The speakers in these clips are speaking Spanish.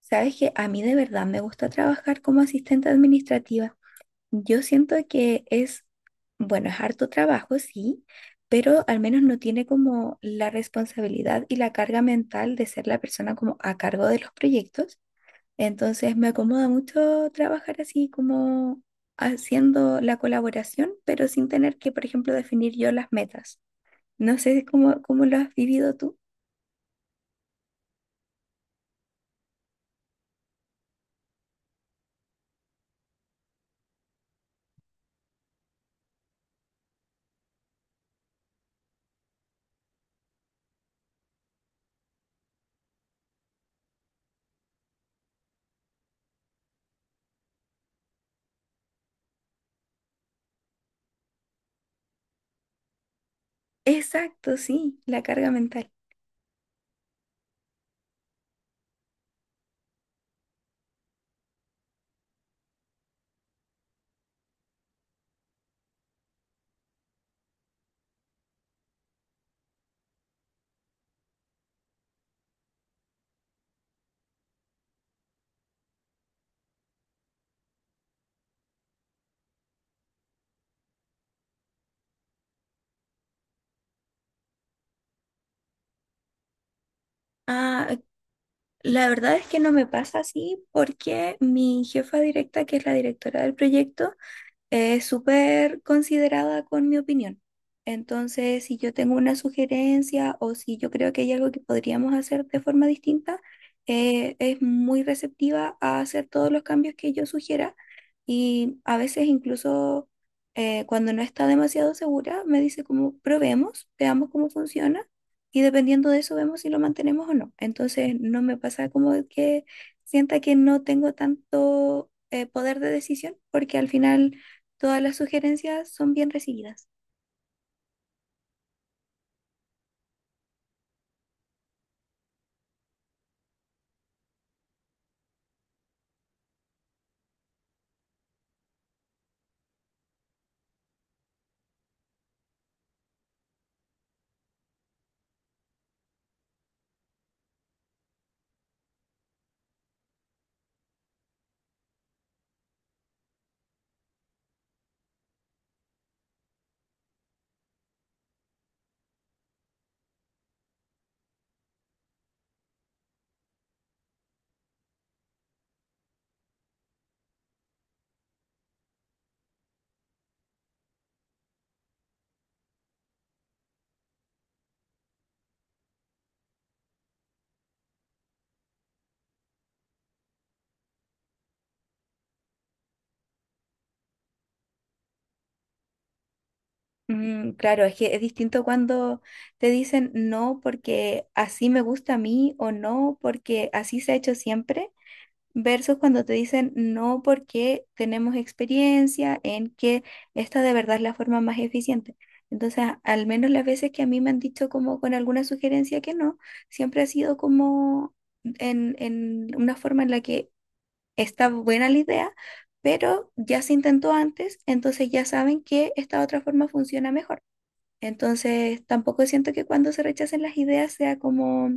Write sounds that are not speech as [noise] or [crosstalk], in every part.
Sabes que a mí de verdad me gusta trabajar como asistente administrativa. Yo siento que es, bueno, es harto trabajo, sí, pero al menos no tiene como la responsabilidad y la carga mental de ser la persona como a cargo de los proyectos. Entonces me acomoda mucho trabajar así como haciendo la colaboración, pero sin tener que, por ejemplo, definir yo las metas. No sé cómo lo has vivido tú. Exacto, sí, la carga mental. Ah, la verdad es que no me pasa así porque mi jefa directa, que es la directora del proyecto, es súper considerada con mi opinión. Entonces, si yo tengo una sugerencia o si yo creo que hay algo que podríamos hacer de forma distinta, es muy receptiva a hacer todos los cambios que yo sugiera y a veces incluso cuando no está demasiado segura, me dice como probemos, veamos cómo funciona y dependiendo de eso vemos si lo mantenemos o no. Entonces, no me pasa como que sienta que no tengo tanto poder de decisión porque al final, todas las sugerencias son bien recibidas. Mm, claro, es que es distinto cuando te dicen no porque así me gusta a mí o no porque así se ha hecho siempre, versus cuando te dicen no porque tenemos experiencia en que esta de verdad es la forma más eficiente. Entonces, al menos las veces que a mí me han dicho como con alguna sugerencia que no, siempre ha sido como en una forma en la que está buena la idea, pero ya se intentó antes, entonces ya saben que esta otra forma funciona mejor. Entonces, tampoco siento que cuando se rechacen las ideas sea como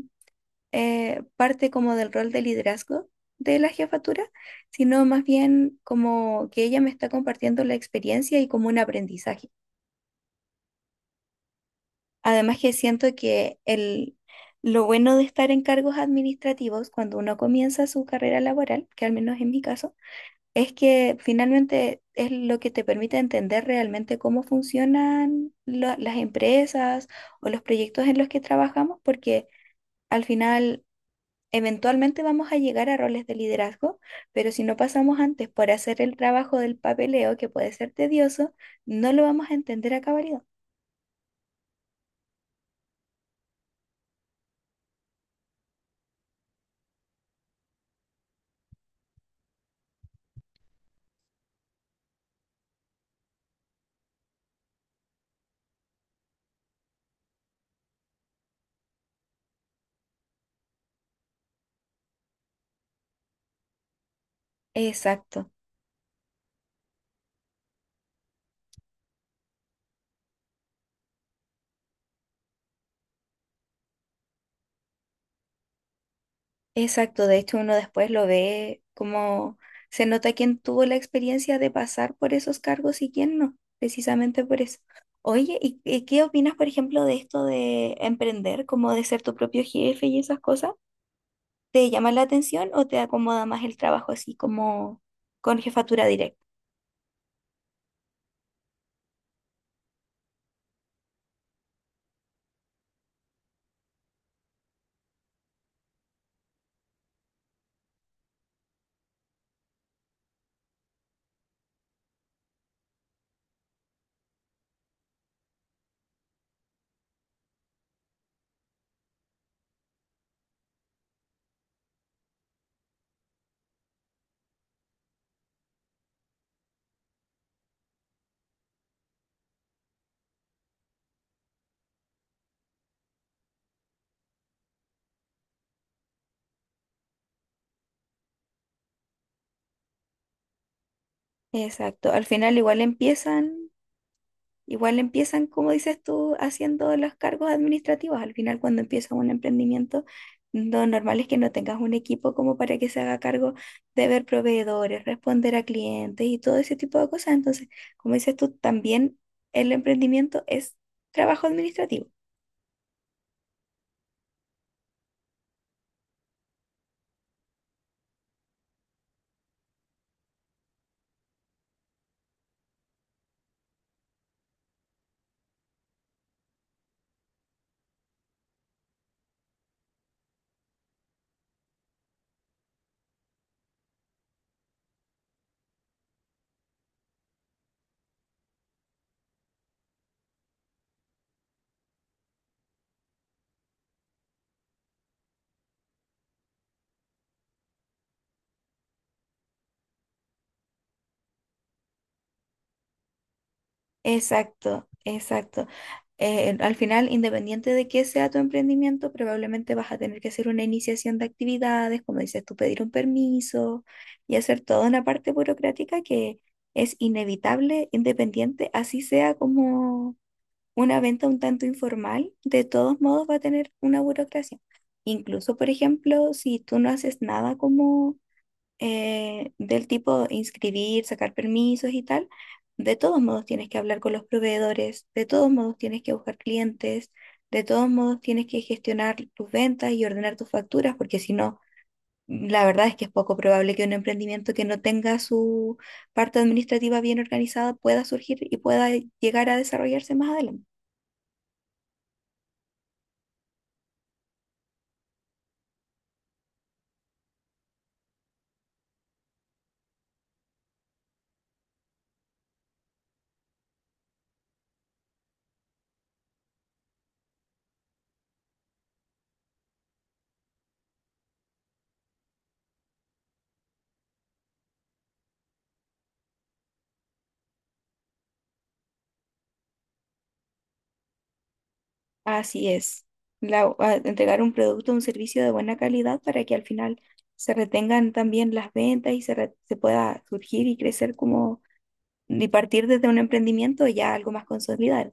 parte como del rol de liderazgo de la jefatura, sino más bien como que ella me está compartiendo la experiencia y como un aprendizaje. Además que siento que el, lo bueno de estar en cargos administrativos cuando uno comienza su carrera laboral, que al menos en mi caso, es que finalmente es lo que te permite entender realmente cómo funcionan las empresas o los proyectos en los que trabajamos, porque al final eventualmente vamos a llegar a roles de liderazgo, pero si no pasamos antes por hacer el trabajo del papeleo, que puede ser tedioso, no lo vamos a entender a cabalidad. Exacto. Exacto, de hecho uno después lo ve como se nota quién tuvo la experiencia de pasar por esos cargos y quién no, precisamente por eso. Oye, ¿y qué opinas, por ejemplo, de esto de emprender, como de ser tu propio jefe y esas cosas? ¿Te llama la atención o te acomoda más el trabajo así como con jefatura directa? Exacto, al final igual empiezan, como dices tú, haciendo los cargos administrativos. Al final, cuando empiezas un emprendimiento, lo normal es que no tengas un equipo como para que se haga cargo de ver proveedores, responder a clientes y todo ese tipo de cosas. Entonces, como dices tú, también el emprendimiento es trabajo administrativo. Exacto, exacto. Al final, independiente de qué sea tu emprendimiento, probablemente vas a tener que hacer una iniciación de actividades, como dices tú, pedir un permiso y hacer toda una parte burocrática que es inevitable, independiente, así sea como una venta un tanto informal, de todos modos va a tener una burocracia. Incluso, por ejemplo, si tú no haces nada como del tipo inscribir, sacar permisos y tal, de todos modos tienes que hablar con los proveedores, de todos modos tienes que buscar clientes, de todos modos tienes que gestionar tus ventas y ordenar tus facturas, porque si no, la verdad es que es poco probable que un emprendimiento que no tenga su parte administrativa bien organizada pueda surgir y pueda llegar a desarrollarse más adelante. Así es. Entregar un producto o un servicio de buena calidad para que al final se retengan también las ventas y se pueda surgir y crecer como y partir desde un emprendimiento ya algo más consolidado.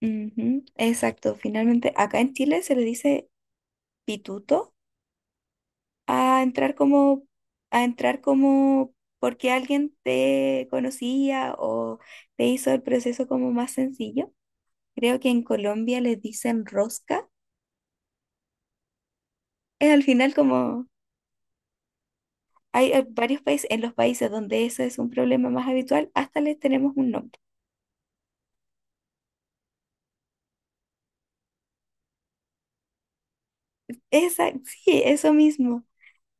Ujú, exacto. Finalmente, acá en Chile se le dice pituto a entrar como porque alguien te conocía o te hizo el proceso como más sencillo. Creo que en Colombia les dicen rosca. Es al final como hay varios países, en los países donde eso es un problema más habitual, hasta les tenemos un nombre. Esa, sí, eso mismo.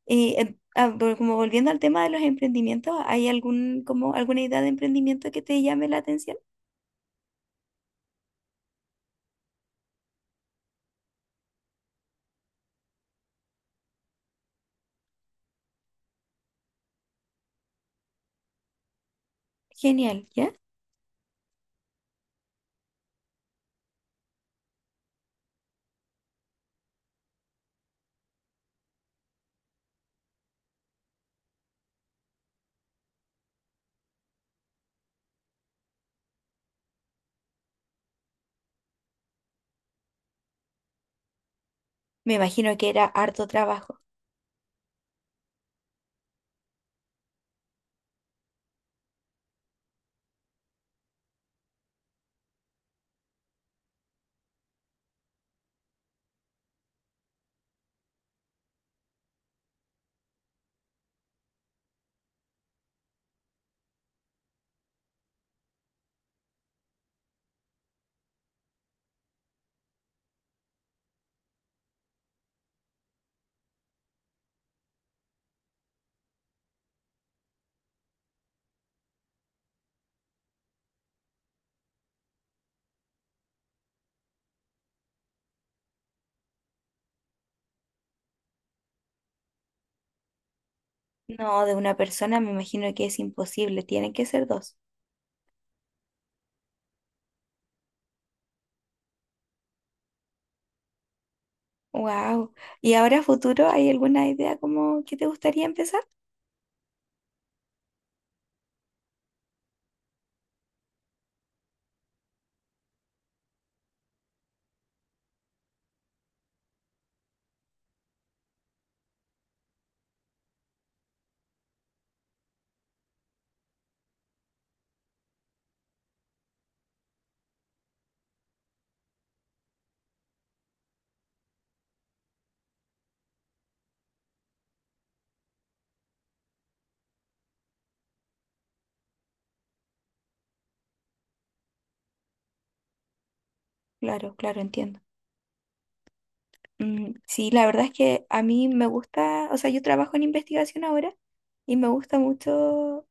Y como volviendo al tema de los emprendimientos, ¿hay algún, como alguna idea de emprendimiento que te llame la atención? Genial, ¿ya? Me imagino que era harto trabajo. No, de una persona me imagino que es imposible, tienen que ser dos. Wow. ¿Y ahora a futuro hay alguna idea como que te gustaría empezar? Claro, claro, entiendo. Mm, sí, la verdad es que a mí me gusta, o sea, yo trabajo en investigación ahora y me gusta mucho,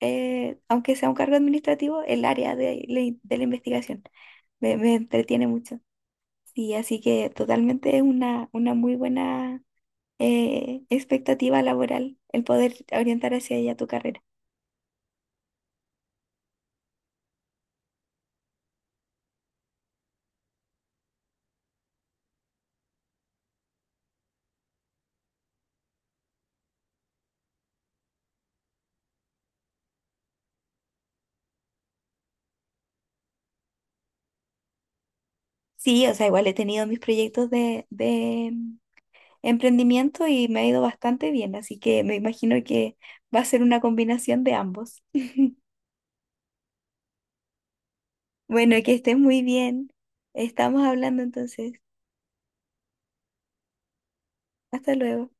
aunque sea un cargo administrativo, el área de, de la investigación. Me entretiene mucho. Sí, así que totalmente es una muy buena expectativa laboral el poder orientar hacia ella tu carrera. Sí, o sea, igual he tenido mis proyectos de emprendimiento y me ha ido bastante bien, así que me imagino que va a ser una combinación de ambos. [laughs] Bueno, que estés muy bien. Estamos hablando entonces. Hasta luego.